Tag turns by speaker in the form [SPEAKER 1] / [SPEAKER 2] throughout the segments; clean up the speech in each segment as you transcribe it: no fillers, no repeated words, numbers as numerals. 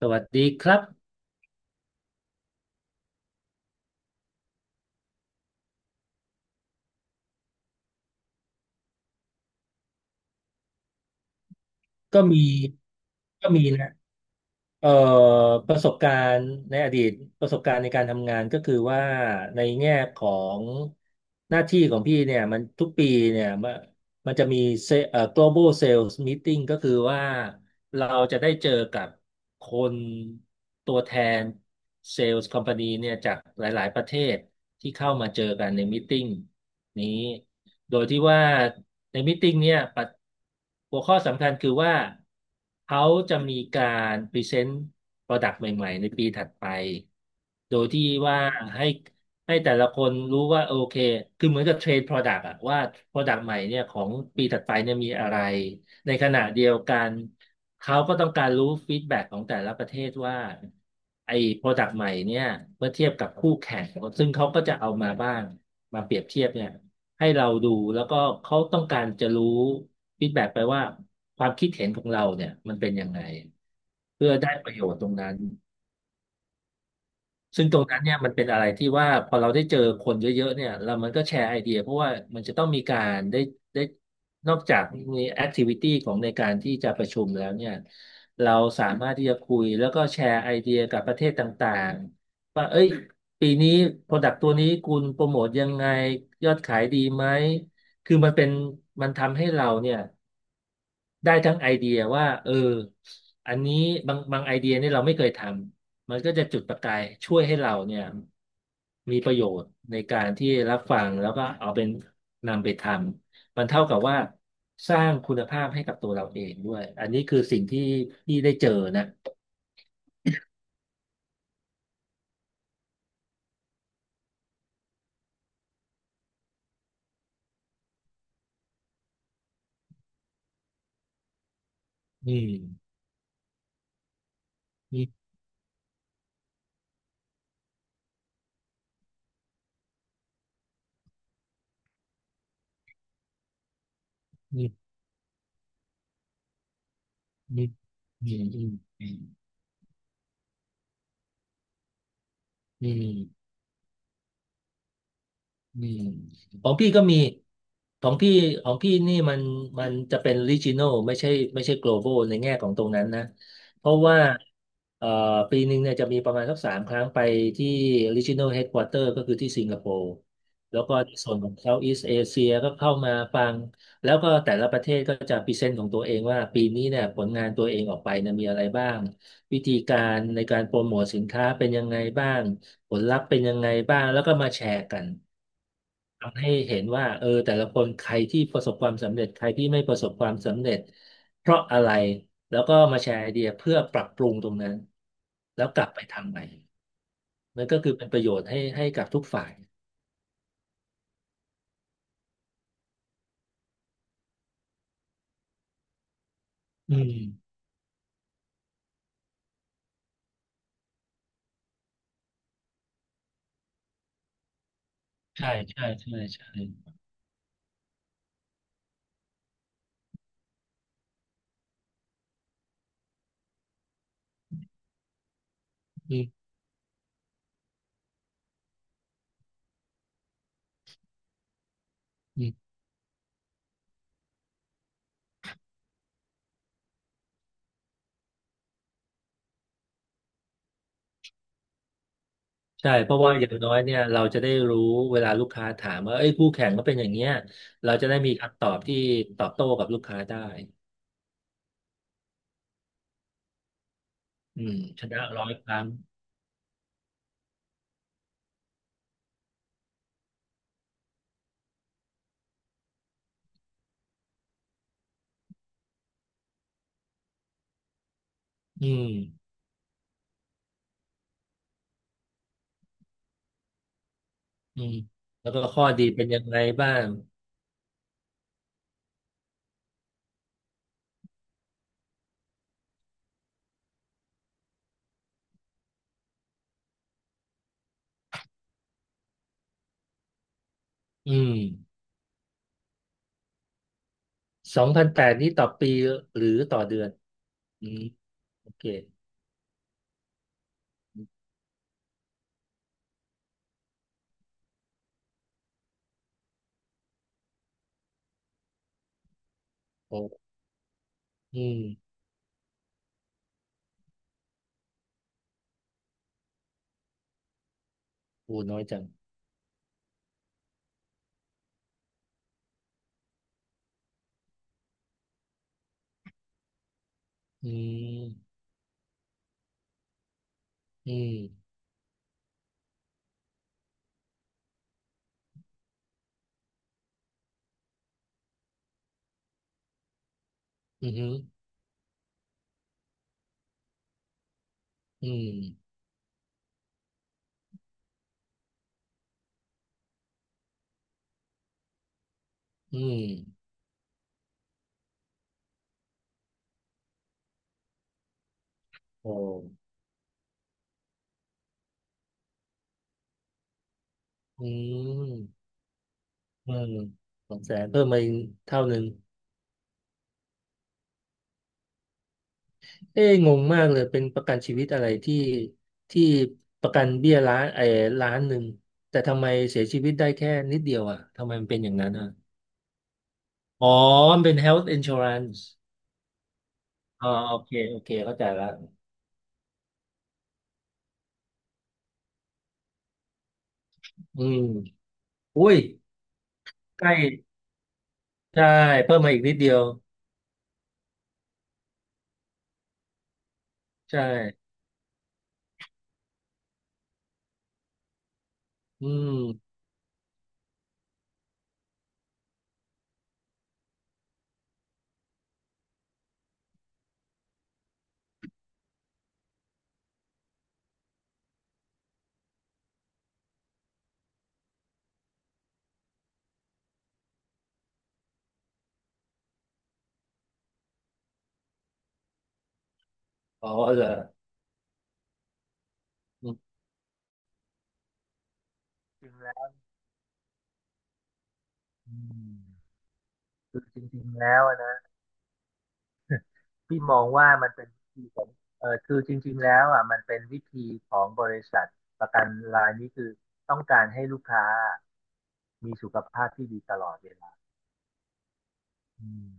[SPEAKER 1] สวัสดีครับก็มีก็มีนะเอ่อประสบการณ์ในอดีตประสบการณ์ในการทำงานก็คือว่าในแง่ของหน้าที่ของพี่เนี่ยมันทุกปีเนี่ยมันจะมีเซเอ่อ global sales meeting ก็คือว่าเราจะได้เจอกับคนตัวแทน sales company เนี่ยจากหลายๆประเทศที่เข้ามาเจอกันใน meeting นี้ โดยที่ว่าในมตติ팅เนี่ยปัดหัวข้อสำคัญคือว่าเขาจะมีการพรีเซนต์ Product ใหม่ๆในปีถัดไป โดยที่ว่าให้ให้แต่ละคนรู้ว่าโอเค คือเหมือนกับเทรนโปรด Product อะว่า Product ใหม่เนี่ยของปีถัดไปเนี่ยมีอะไรในขณะเดียวกัน เขาก็ต้องการรู้ฟีดแบ็กของแต่ละประเทศว่าไอ้โปรดักต์ใหม่เนี่ยเมื่อเทียบกับคู่แข่ง ซึ่งเขาก็จะเอามาบ้างมาเปรียบเทียบเนี่ยให้เราดูแล้วก็เขาต้องการจะรู้ฟีดแบ็กไปว่าความคิดเห็นของเราเนี่ยมันเป็นยังไงเพื่อได้ประโยชน์ตรงนั้น ซึ่งตรงนั้นเนี่ยมันเป็นอะไรที่ว่าพอเราได้เจอคนเยอะๆเนี่ยแล้วมันก็แชร์ไอเดียเพราะว่ามันจะต้องมีการได้นอกจากมีแอคทิวิตี้ของในการที่จะประชุมแล้วเนี่ยเราสามารถที่จะคุยแล้วก็แชร์ไอเดียกับประเทศต่างๆว่าเอ้ยปีนี้โปรดักต์ตัวนี้คุณโปรโมทยังไงยอดขายดีไหมคือมันทำให้เราเนี่ย ได้ทั้งไอเดียว่าเอออันนี้บางไอเดียเนี่ยเราไม่เคยทำมันก็จะจุดประกายช่วยให้เราเนี่ยมีประโยชน์ในการที่รับฟังแล้วก็เอาเป็นนำไปทำมันเท่ากับว่าสร้างคุณภาพให้กับตัวเราเองด้วยอันนี้คือสิ่งที่ได้เจอนะอืมอืมอืมอืมอืมอืมอืม อืมของพี่ก็มีของพี่ของพี่นี่มันจะเป็น regional ไม่ใช่ global ในแง่ของตรงนั้นนะเพราะว่าเอ่อปีหนึ่งเนี่ยจะมีประมาณสักสามครั้งไปที่ regional headquarter ก็คือที่สิงคโปร์แล้วก็ในส่วนของ Southeast Asia ก็เข้ามาฟังแล้วก็แต่ละประเทศก็จะพรีเซนต์ของตัวเองว่าปีนี้เนี่ยผลงานตัวเองออกไปเนี่ยมีอะไรบ้างวิธีการในการโปรโมทสินค้าเป็นยังไงบ้าง ผลลัพธ์เป็นยังไงบ้างแล้วก็มาแชร์กันทำให้เห็นว่าเออแต่ละคนใครที่ประสบความสำเร็จใครที่ไม่ประสบความสำเร็จเพราะอะไรแล้วก็มาแชร์ไอเดียเพื่อปรับปรุงตรงนั้นแล้วกลับไปทำใหม่มันก็คือเป็นประโยชน์ให้กับทุกฝ่ายอืมใช่ใช่ใช่ใช่อืมอืมใช่เพราะว่าอย่างน้อยเนี่ยเราจะได้รู้เวลาลูกค้าถามว่าเอ้ยคู่แข่งก็เป็นอย่างเงี้ยเราจะได้มีคำตอบที่ตอบโต้กับลูกค้าได้อืมชนะร้อยครั้ง อืมอืมแล้วก็ข้อดีเป็นยังไงบ้างอืมสองพันแปดนี้ต่อปีหรือต่อเดือนอืมโอเคโอ้อืมโอ้น้อยจังอืมอืมอืมอืมอืมโอ้อืมอืมสองแสนเพิ่มมาอีกเท่าหนึ่งเอ้ยงงมากเลยเป็นประกันชีวิตอะไรที่ประกันเบี้ยล้านไอ้ล้านหนึ่งแต่ทำไมเสียชีวิตได้แค่นิดเดียวอ่ะทำไมมันเป็นอย่างนั้นอ่ะ อ๋อมันเป็น health insurance อ๋อโอเคโอเคเข้าใจละอืมอุ้ยใกล้ใช่เพิ่มมาอีกนิดเดียวใช่อืมอ๋อเหรออืมจริงแล้วคือจริงๆแล้วอะนะพี่มองว่ามันเป็นวิธีของเออจริงแล้วอ่ะมันเป็นวิธีของบริษัทประกันรายนี้คือต้องการให้ลูกค้ามีสุขภาพที่ดีตลอดเวลาอืม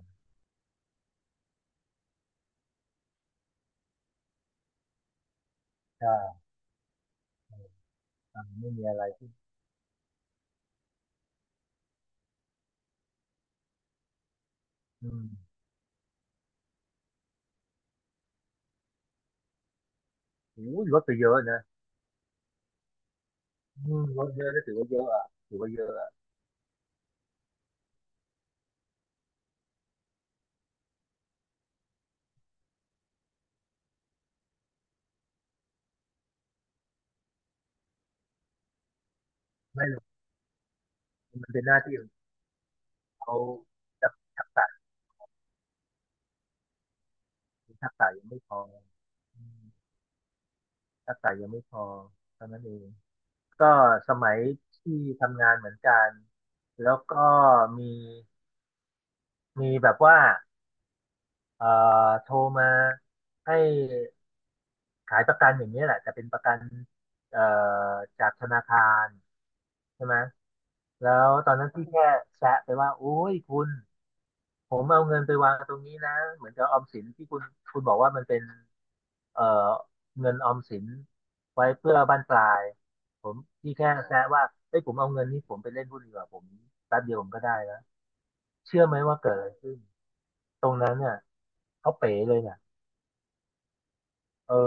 [SPEAKER 1] ใช่อ่าไม่มีอะไรที่อืมโอ้ยลดไปเยอะนะอืมลดเยอะก็ถือว่าเยอะอ่ะถือว่าเยอะอะ มันเป็นหน้าที่ของเขาทักทักษะทักษะยังไม่พออืมทักษะยังไม่พอเท่านั้นเองก็สมัยที่ทำงานเหมือนกันแล้วก็มีมีแบบว่าเอ่อโทรมาให้ขายประกันอย่างนี้ยแหละแต่เป็นประกันเอ่อจากธนาคารใช่ไหมแล้วตอนนั้นพี่แค่แซะไปว่าโอ้ยคุณ ผมเอาเงินไปวางตรงนี้นะเหมือนกับออมสินที่คุณบอกว่ามันเป็นเอ่อเงินออมสินไว้เพื่อบั้นปลายผมพี่แค่แซะว่าเอ้ยผมเอาเงินนี้ผมไปเล่นหุ้นดีกว่าผมแป๊บเดียวผมก็ได้แล้วเชื่อไหมว่าเกิดอะไรขึ้นตรงนั้นเนี่ยเขาเป๋เลยเนี่ยเออ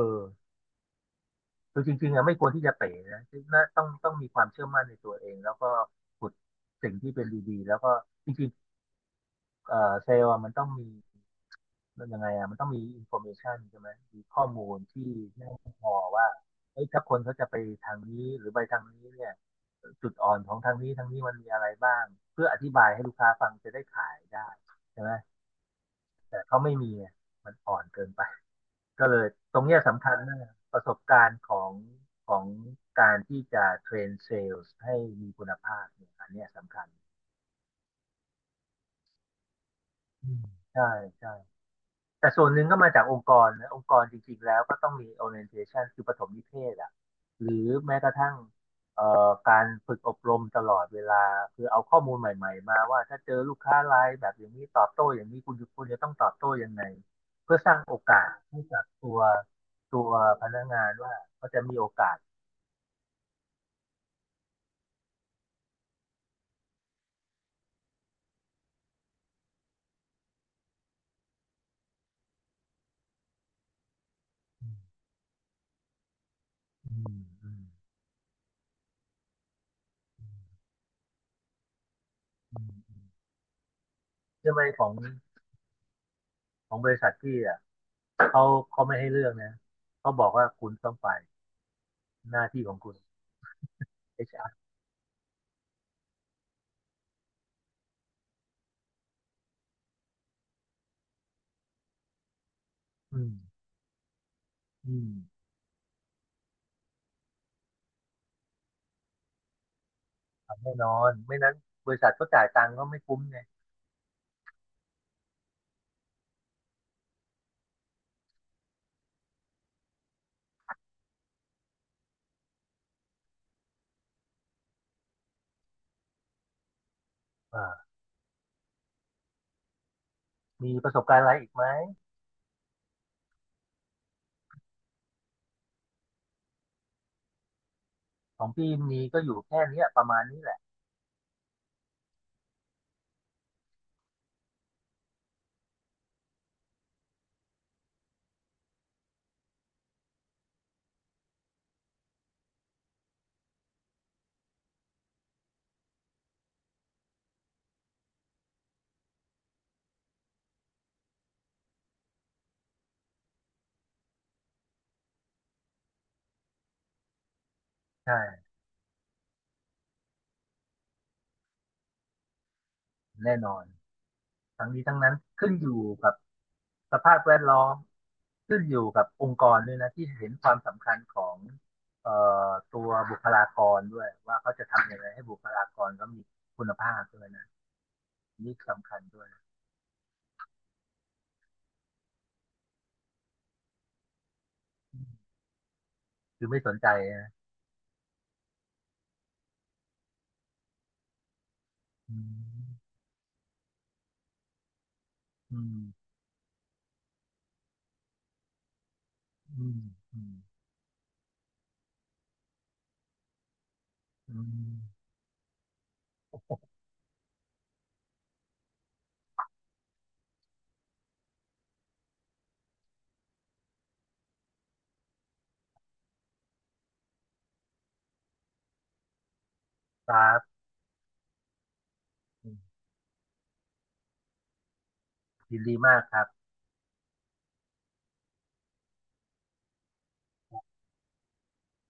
[SPEAKER 1] คือจริงๆอะไม่ควรที่จะเป๋นะน่าต้องมีความเชื่อมั่นในตัวเองแล้วก็ขุดสิ่งที่เป็นดีๆแล้วก็จริงๆ เซลล์อะมันต้องมีมันยังไงอ่ะมันต้องมีอินโฟเมชันใช่ไหมมีข้อมูลที่แน่นพอว่าเอ้ยถ้าคนเขาจะไปทางนี้หรือไปทางนี้เนี่ยจุดอ่อนของทางนี้ทางนี้มันมีอะไรบ้างเพื่ออธิบายให้ลูกค้าฟังจะได้ขายได้ใช่ไหมแต่เขาไม่มีอะมันอ่อนเกินไปก็เลยตรงเนี้ยสำคัญมากประสบการณ์ของการที่จะเทรนเซลล์ให้มีคุณภาพเนี่ยอันเนี้ยสำคัญอืมใช่ใช่ แต่ส่วนหนึ่งก็มาจากองค์กรนะองค์กรจริงๆแล้วก็ต้องมี orientation คือปฐมนิเทศอ่ะหรือแม้กระทั่งเอ่การฝึกอบรมตลอดเวลาคือเอาข้อมูลใหม่ๆมาว่าถ้าเจอลูกค้ารายแบบอย่างนี้ตอบโต้อย่างนี้คุณจะต้องตอบโต้ยังไงเพื่อสร้างโอกาสให้กับตัวพนักงานว่าเขาจะมีโอกาสใช่ไหมของบริษัทที่อ่ะเขาเขาไม่ให้เลือกนะเขาบอกว่าคุณต้องไปหน้าที่ของคุณ HR อชอาร์อืมอืม แน่นอนไม่นั้นบริษัทก็จ่ายตังค์ก็ไม่คุ้มไงอ่ามีประสบการณ์อะไรอีกไหมของพี่มีก็อยู่แค่เนี้ยประมาณนี้แหละใช่แน่นอนทั้งนี้ทั้งนั้นขึ้นอยู่กับสภาพแวดล้อมขึ้นอยู่กับองค์กรด้วยนะที่เห็นความสำคัญของเอ่อตัวบุคลากรด้วยว่าเขาจะทำยังไงให้บุคลากรเขามีคุณภาพด้วยนะนี่สำคัญด้วยนะคือไม่สนใจนะอืมอืมอืมอืมอืมครับ ยินดีมากครับ